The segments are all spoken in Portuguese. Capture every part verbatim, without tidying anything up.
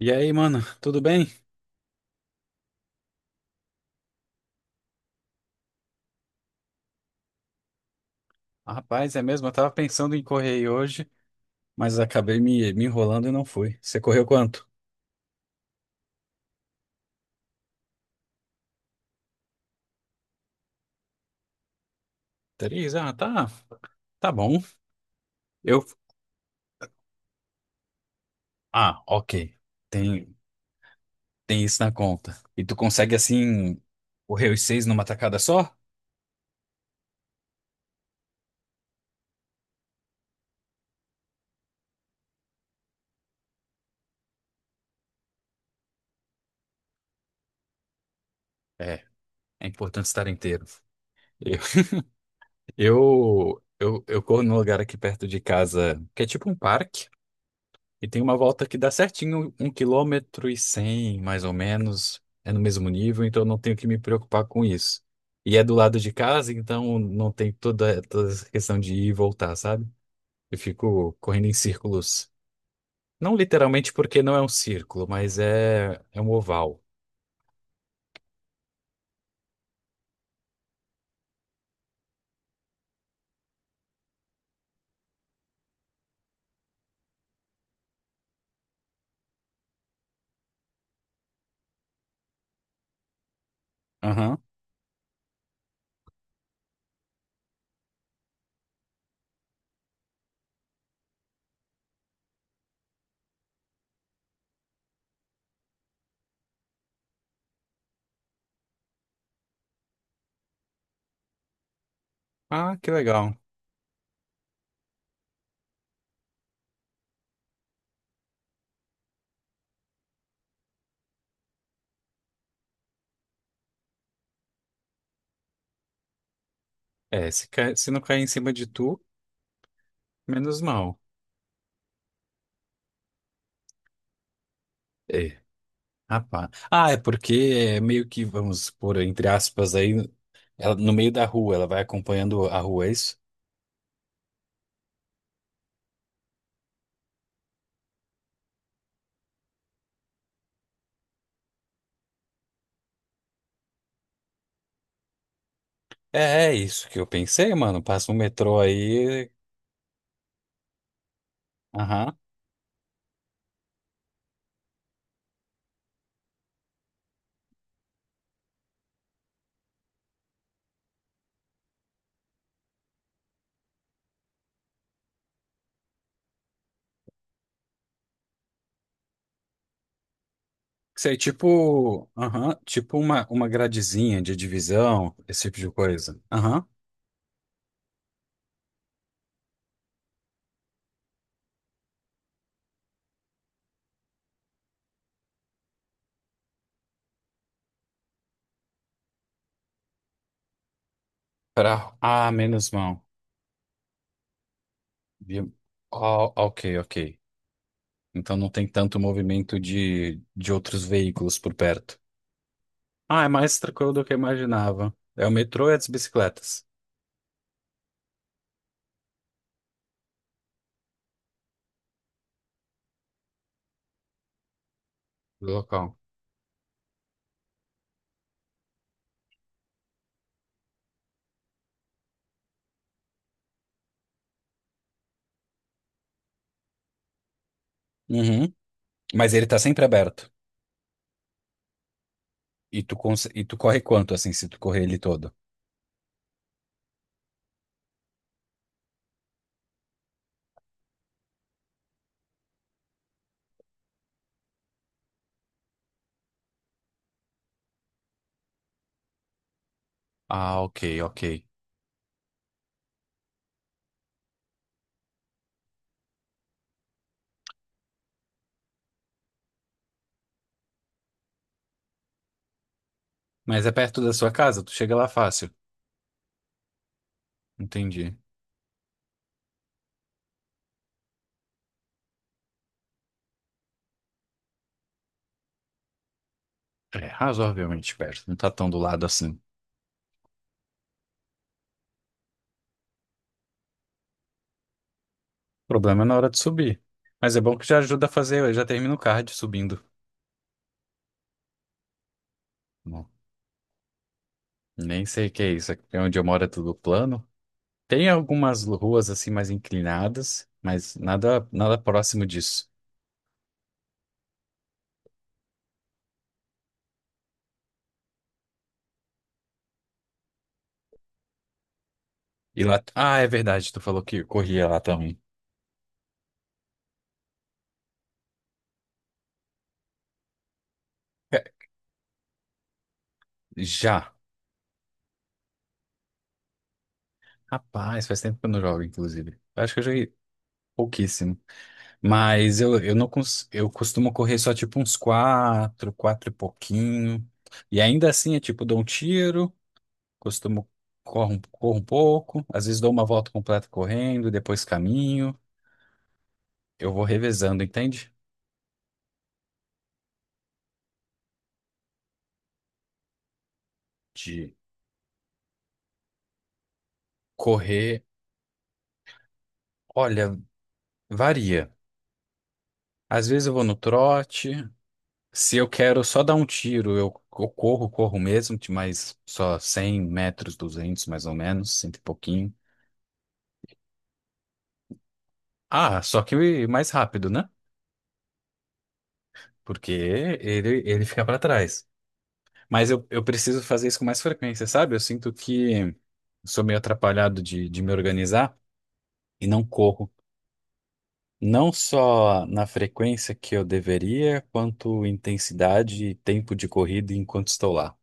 E aí, mano, tudo bem? Ah, rapaz, é mesmo, eu tava pensando em correr aí hoje, mas acabei me, me enrolando e não fui. Você correu quanto? Três? Ah, tá, tá bom. Eu. Ah, ok. Tem, tem isso na conta. E tu consegue, assim, correr os seis numa tacada só? É, é importante estar inteiro. Eu, eu, eu, eu corro num lugar aqui perto de casa, que é tipo um parque. E tem uma volta que dá certinho, um quilômetro e cem, mais ou menos. É no mesmo nível, então eu não tenho que me preocupar com isso. E é do lado de casa, então não tem toda, toda essa questão de ir e voltar, sabe? Eu fico correndo em círculos. Não literalmente porque não é um círculo, mas é, é um oval. Aham. Ah, que legal. É, se, cai- se não cair em cima de tu, menos mal. É. Rapaz. Ah, é porque é meio que, vamos por entre aspas, aí, ela, no meio da rua, ela vai acompanhando a rua, é isso? É, é isso que eu pensei, mano. Passa um metrô aí. Aham. Sei, tipo. Aham. Tipo uma, uma gradezinha de divisão, esse tipo de coisa. Aham. Pra... Ah, menos mal. Vi- Ó, ok, ok. Então não tem tanto movimento de, de outros veículos por perto. Ah, é mais tranquilo do que eu imaginava. É o metrô e as bicicletas do local. Uhum. Mas ele tá sempre aberto. E tu, cons- e tu corre quanto, assim, se tu correr ele todo? Ah, ok, ok. Mas é perto da sua casa, tu chega lá fácil. Entendi. É razoavelmente perto, não tá tão do lado assim. O problema é na hora de subir. Mas é bom que já ajuda a fazer, eu já termino o cardio subindo. Bom, nem sei o que é isso, aqui onde eu moro é tudo plano. Tem algumas ruas assim mais inclinadas, mas nada, nada próximo disso. E lá, ah, é verdade, tu falou que corria lá também. É, já. Rapaz, faz tempo que eu não jogo, inclusive. Eu acho que eu joguei pouquíssimo. Mas eu, eu não cons... eu costumo correr só tipo uns quatro, quatro e pouquinho. E ainda assim, é tipo dou um tiro, costumo corro, um- corro um pouco, às vezes dou uma volta completa correndo, depois caminho. Eu vou revezando, entende? De correr, olha, varia. Às vezes eu vou no trote. Se eu quero só dar um tiro, eu, eu corro, corro mesmo, de mais só cem metros, duzentos mais ou menos, cento e pouquinho. Ah, só que mais rápido, né? Porque ele, ele fica pra trás. Mas eu, eu preciso fazer isso com mais frequência, sabe? Eu sinto que sou meio atrapalhado de, de me organizar e não corro. Não só na frequência que eu deveria, quanto intensidade e tempo de corrida enquanto estou lá.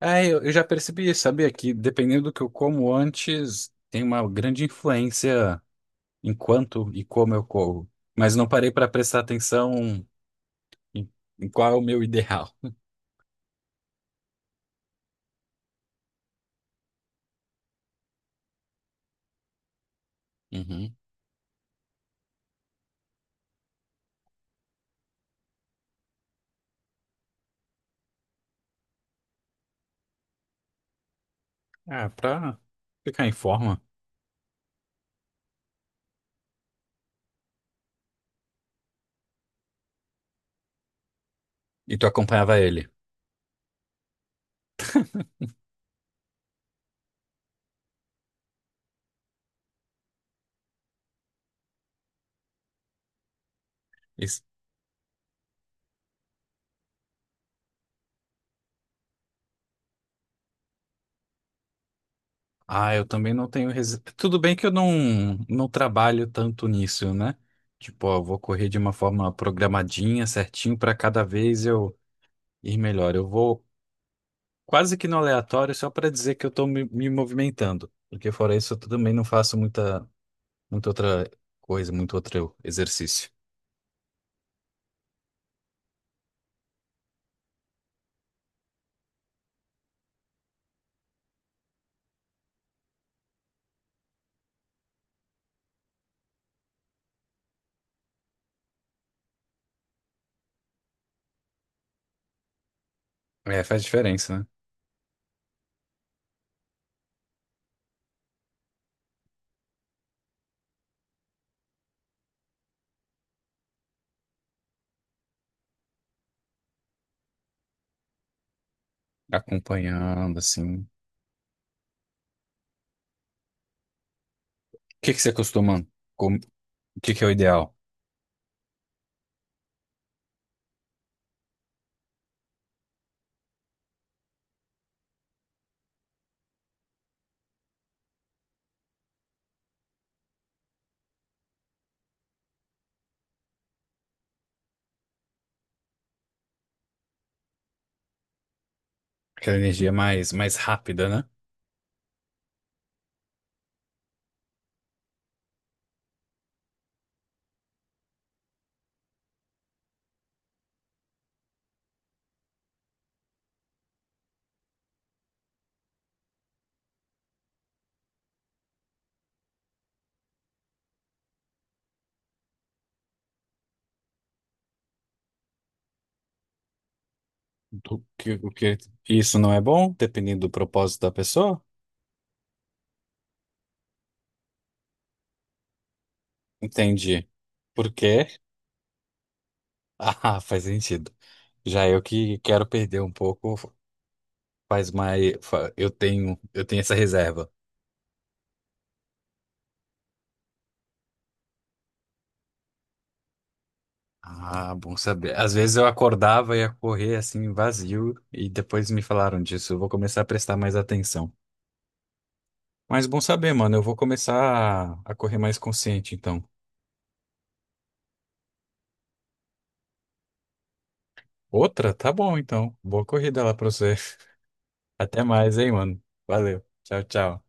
É, eu, eu já percebi, sabia, que dependendo do que eu como antes, tem uma grande influência em quanto e como eu como. Mas não parei para prestar atenção em, em qual é o meu ideal. Uhum. É, pra ficar em forma. E tu acompanhava ele. Isso. Ah, eu também não tenho. Resi... Tudo bem que eu não, não trabalho tanto nisso, né? Tipo, ó, vou correr de uma forma programadinha, certinho, para cada vez eu ir melhor. Eu vou. Quase que no aleatório, só para dizer que eu estou me, me movimentando, porque fora isso eu também não faço muita, muita outra coisa, muito outro exercício. É, faz diferença, né? Acompanhando, assim. O que que você costuma? com- O que que é o ideal? Aquela energia mais, mais rápida, né? Do que, o que isso não é bom, dependendo do propósito da pessoa? Entendi. Por quê? Ah, faz sentido. Já eu que quero perder um pouco, faz mais. fa- Eu tenho, eu tenho essa reserva. Ah, bom saber. Às vezes eu acordava e ia correr assim vazio e depois me falaram disso. Eu vou começar a prestar mais atenção. Mas bom saber, mano. Eu vou começar a a correr mais consciente, então. Outra? Tá bom, então. Boa corrida lá pra você. Até mais, hein, mano. Valeu. Tchau, tchau.